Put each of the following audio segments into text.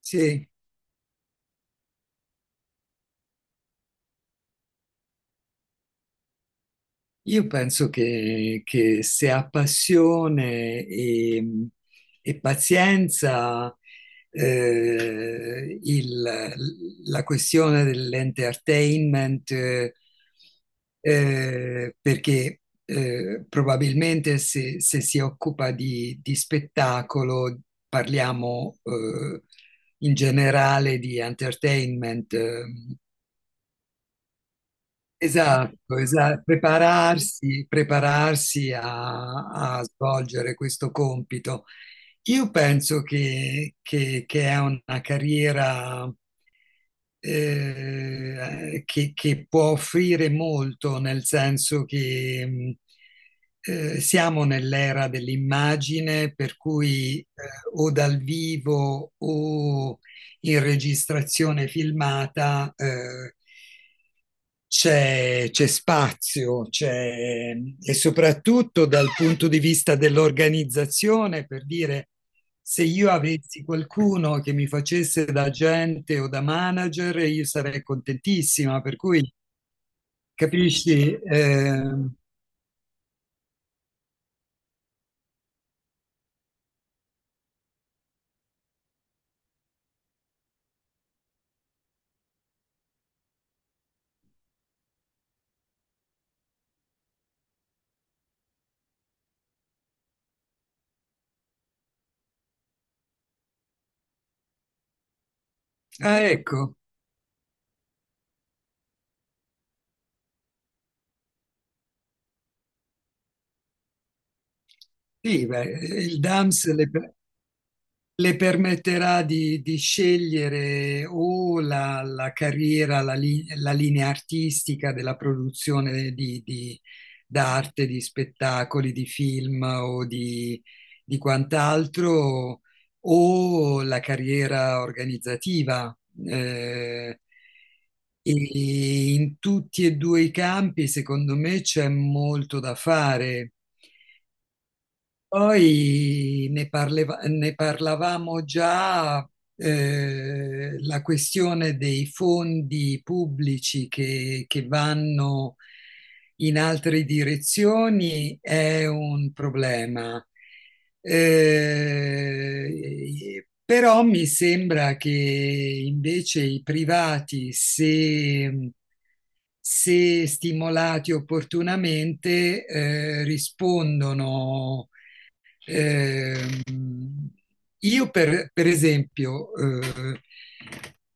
Sì, io penso che, se ha passione e pazienza. eh, il- la questione dell'entertainment, perché probabilmente se si occupa di spettacolo, parliamo in generale di entertainment. Esatto, esatto. Prepararsi, prepararsi a svolgere questo compito. Io penso che è una carriera che può offrire molto, nel senso che siamo nell'era dell'immagine, per cui o dal vivo o in registrazione filmata. C'è spazio, e soprattutto dal punto di vista dell'organizzazione, per dire, se io avessi qualcuno che mi facesse da agente o da manager, io sarei contentissima, per cui capisci? Ah, ecco, sì, beh, il DAMS, le permetterà di scegliere o la carriera, la linea artistica della produzione d'arte, di spettacoli, di film di quant'altro, o la carriera organizzativa. Eh, e In tutti e due i campi, secondo me, c'è molto da fare. Poi ne parlavamo già. La questione dei fondi pubblici che vanno in altre direzioni è un problema. Però mi sembra che invece i privati, se stimolati opportunamente, rispondono. eh, io per esempio,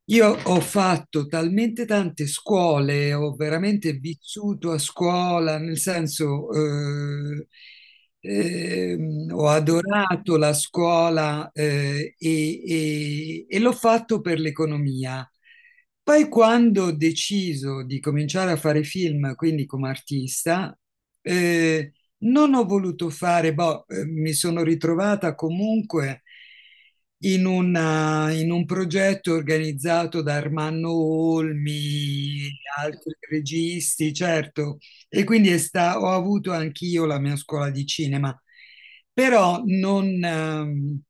io ho fatto talmente tante scuole, ho veramente vissuto a scuola, nel senso, ho adorato la scuola, e l'ho fatto per l'economia. Poi quando ho deciso di cominciare a fare film, quindi come artista, eh, non ho voluto fare, mi sono ritrovata comunque in un progetto organizzato da Armando Olmi, altri registi, certo, e quindi ho avuto anch'io la mia scuola di cinema, però non.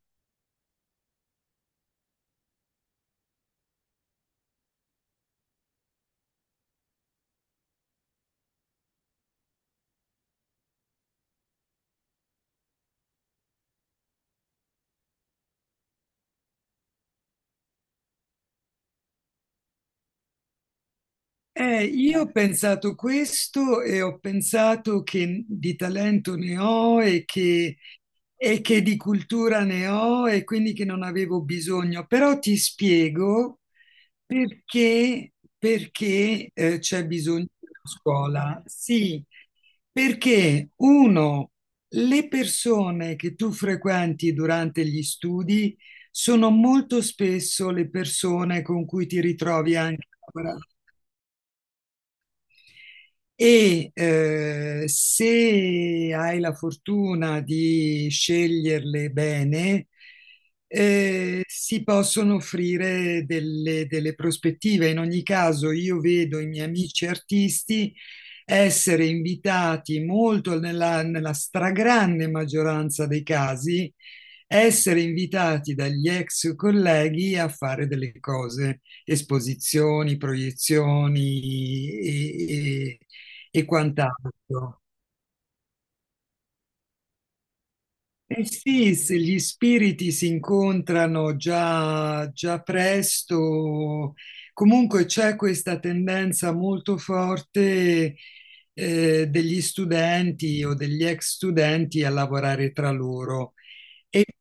Io ho pensato questo e ho pensato che di talento ne ho e che di cultura ne ho e quindi che non avevo bisogno, però ti spiego perché c'è bisogno della scuola. Sì, perché uno, le persone che tu frequenti durante gli studi sono molto spesso le persone con cui ti ritrovi anche a lavorare e se hai la fortuna di sceglierle bene, si possono offrire delle, delle prospettive. In ogni caso, io vedo i miei amici artisti essere invitati molto nella stragrande maggioranza dei casi, essere invitati dagli ex colleghi a fare delle cose: esposizioni, proiezioni e quant'altro. Eh sì, se gli spiriti si incontrano già, già presto, comunque c'è questa tendenza molto forte degli studenti o degli ex studenti a lavorare tra loro.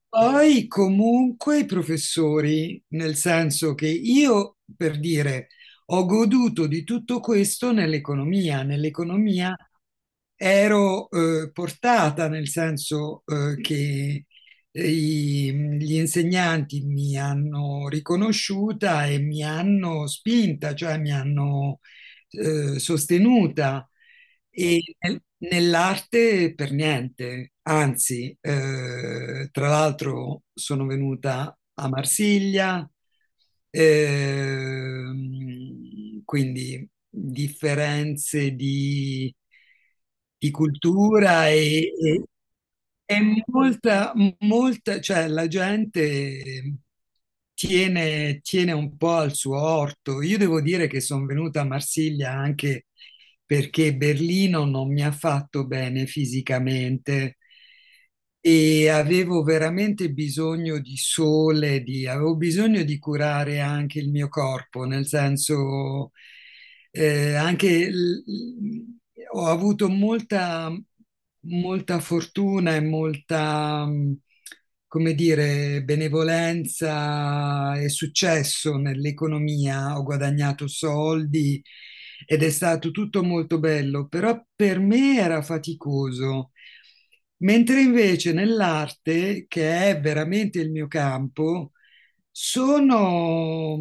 Poi comunque i professori, nel senso che io, per dire, ho goduto di tutto questo nell'economia. Nell'economia ero portata, nel senso che eh, i- gli insegnanti mi hanno riconosciuta e mi hanno spinta, cioè mi hanno sostenuta nell'arte per niente. Anzi, tra l'altro sono venuta a Marsiglia, quindi differenze di cultura e molta, molta, cioè la gente tiene, tiene un po' al suo orto. Io devo dire che sono venuta a Marsiglia anche perché Berlino non mi ha fatto bene fisicamente e avevo veramente bisogno di sole, avevo bisogno di curare anche il mio corpo, nel senso eh, anche l- l- ho avuto molta, molta fortuna e molta, come dire, benevolenza e successo nell'economia, ho guadagnato soldi ed è stato tutto molto bello, però per me era faticoso. Mentre invece nell'arte, che è veramente il mio campo, sono...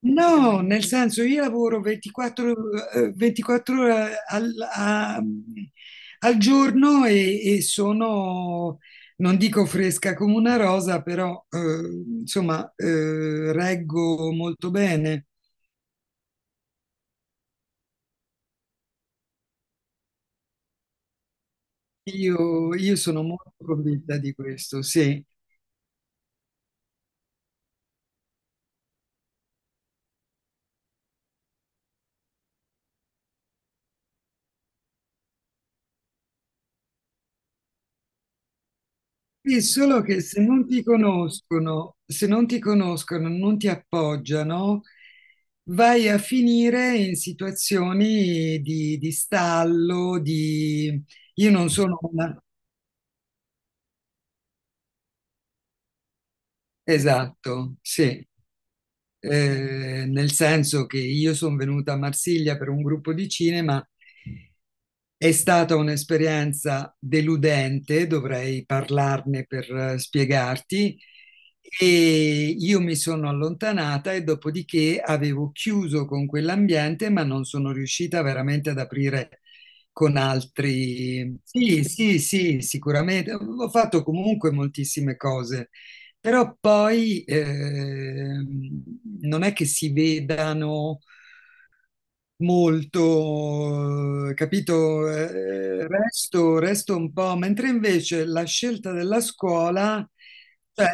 No, nel senso io lavoro 24 ore al giorno e sono, non dico fresca come una rosa, però insomma reggo molto bene. Io sono molto convinta di questo, sì. Sì, solo che se non ti conoscono, se non ti conoscono, non ti appoggiano, vai a finire in situazioni di stallo, di... Io non sono una... Esatto, sì. Nel senso che io sono venuta a Marsiglia per un gruppo di cinema, è stata un'esperienza deludente, dovrei parlarne per spiegarti, e io mi sono allontanata e dopodiché avevo chiuso con quell'ambiente, ma non sono riuscita veramente ad aprire con altri. Sì, sì, sì, sicuramente. Ho fatto comunque moltissime cose, però poi non è che si vedano molto, capito? Resto un po', mentre invece la scelta della scuola, cioè,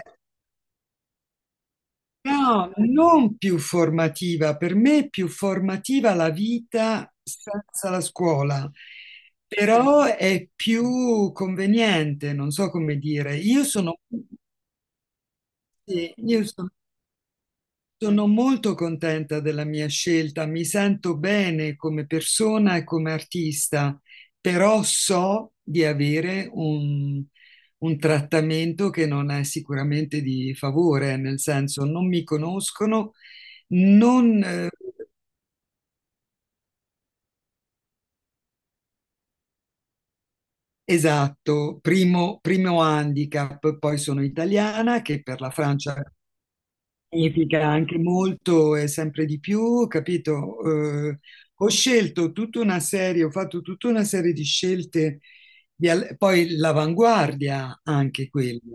no, non più formativa, per me è più formativa la vita senza la scuola, però è più conveniente, non so come dire. Io sono... sì, io sono... Sono molto contenta della mia scelta, mi sento bene come persona e come artista, però so di avere un trattamento che non è sicuramente di favore, nel senso non mi conoscono, non esatto, primo, primo handicap, poi sono italiana, che per la Francia significa anche molto e sempre di più, capito? Eh, Ho scelto tutta una serie, ho fatto tutta una serie di scelte, poi l'avanguardia anche quello.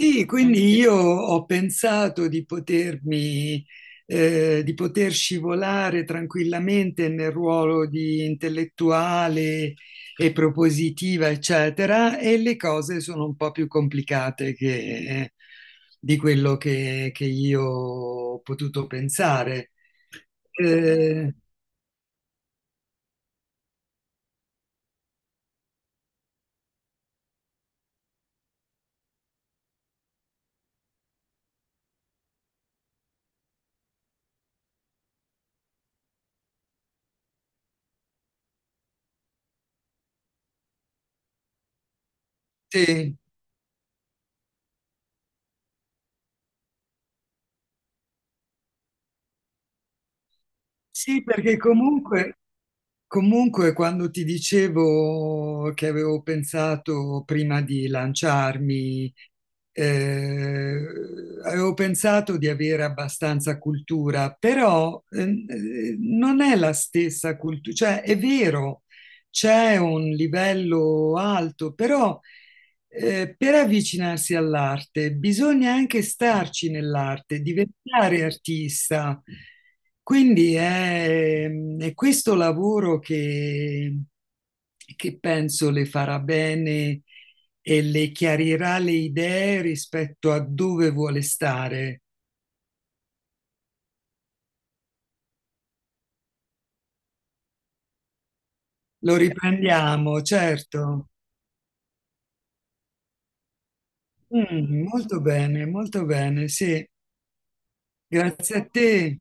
Sì, anche quindi se... io ho pensato di potermi, di poter scivolare tranquillamente nel ruolo di intellettuale e propositiva, eccetera, e le cose sono un po' più complicate di quello che io ho potuto pensare. Eh, sì, sì, perché comunque. Comunque, quando ti dicevo che avevo pensato prima di lanciarmi, eh, avevo pensato di avere abbastanza cultura, però non è la stessa cultura, cioè è vero, c'è un livello alto, però per avvicinarsi all'arte bisogna anche starci nell'arte, diventare artista. Quindi è questo lavoro che penso le farà bene e le chiarirà le idee rispetto a dove vuole stare. Lo riprendiamo, certo. Mm, molto bene, sì. Grazie a te.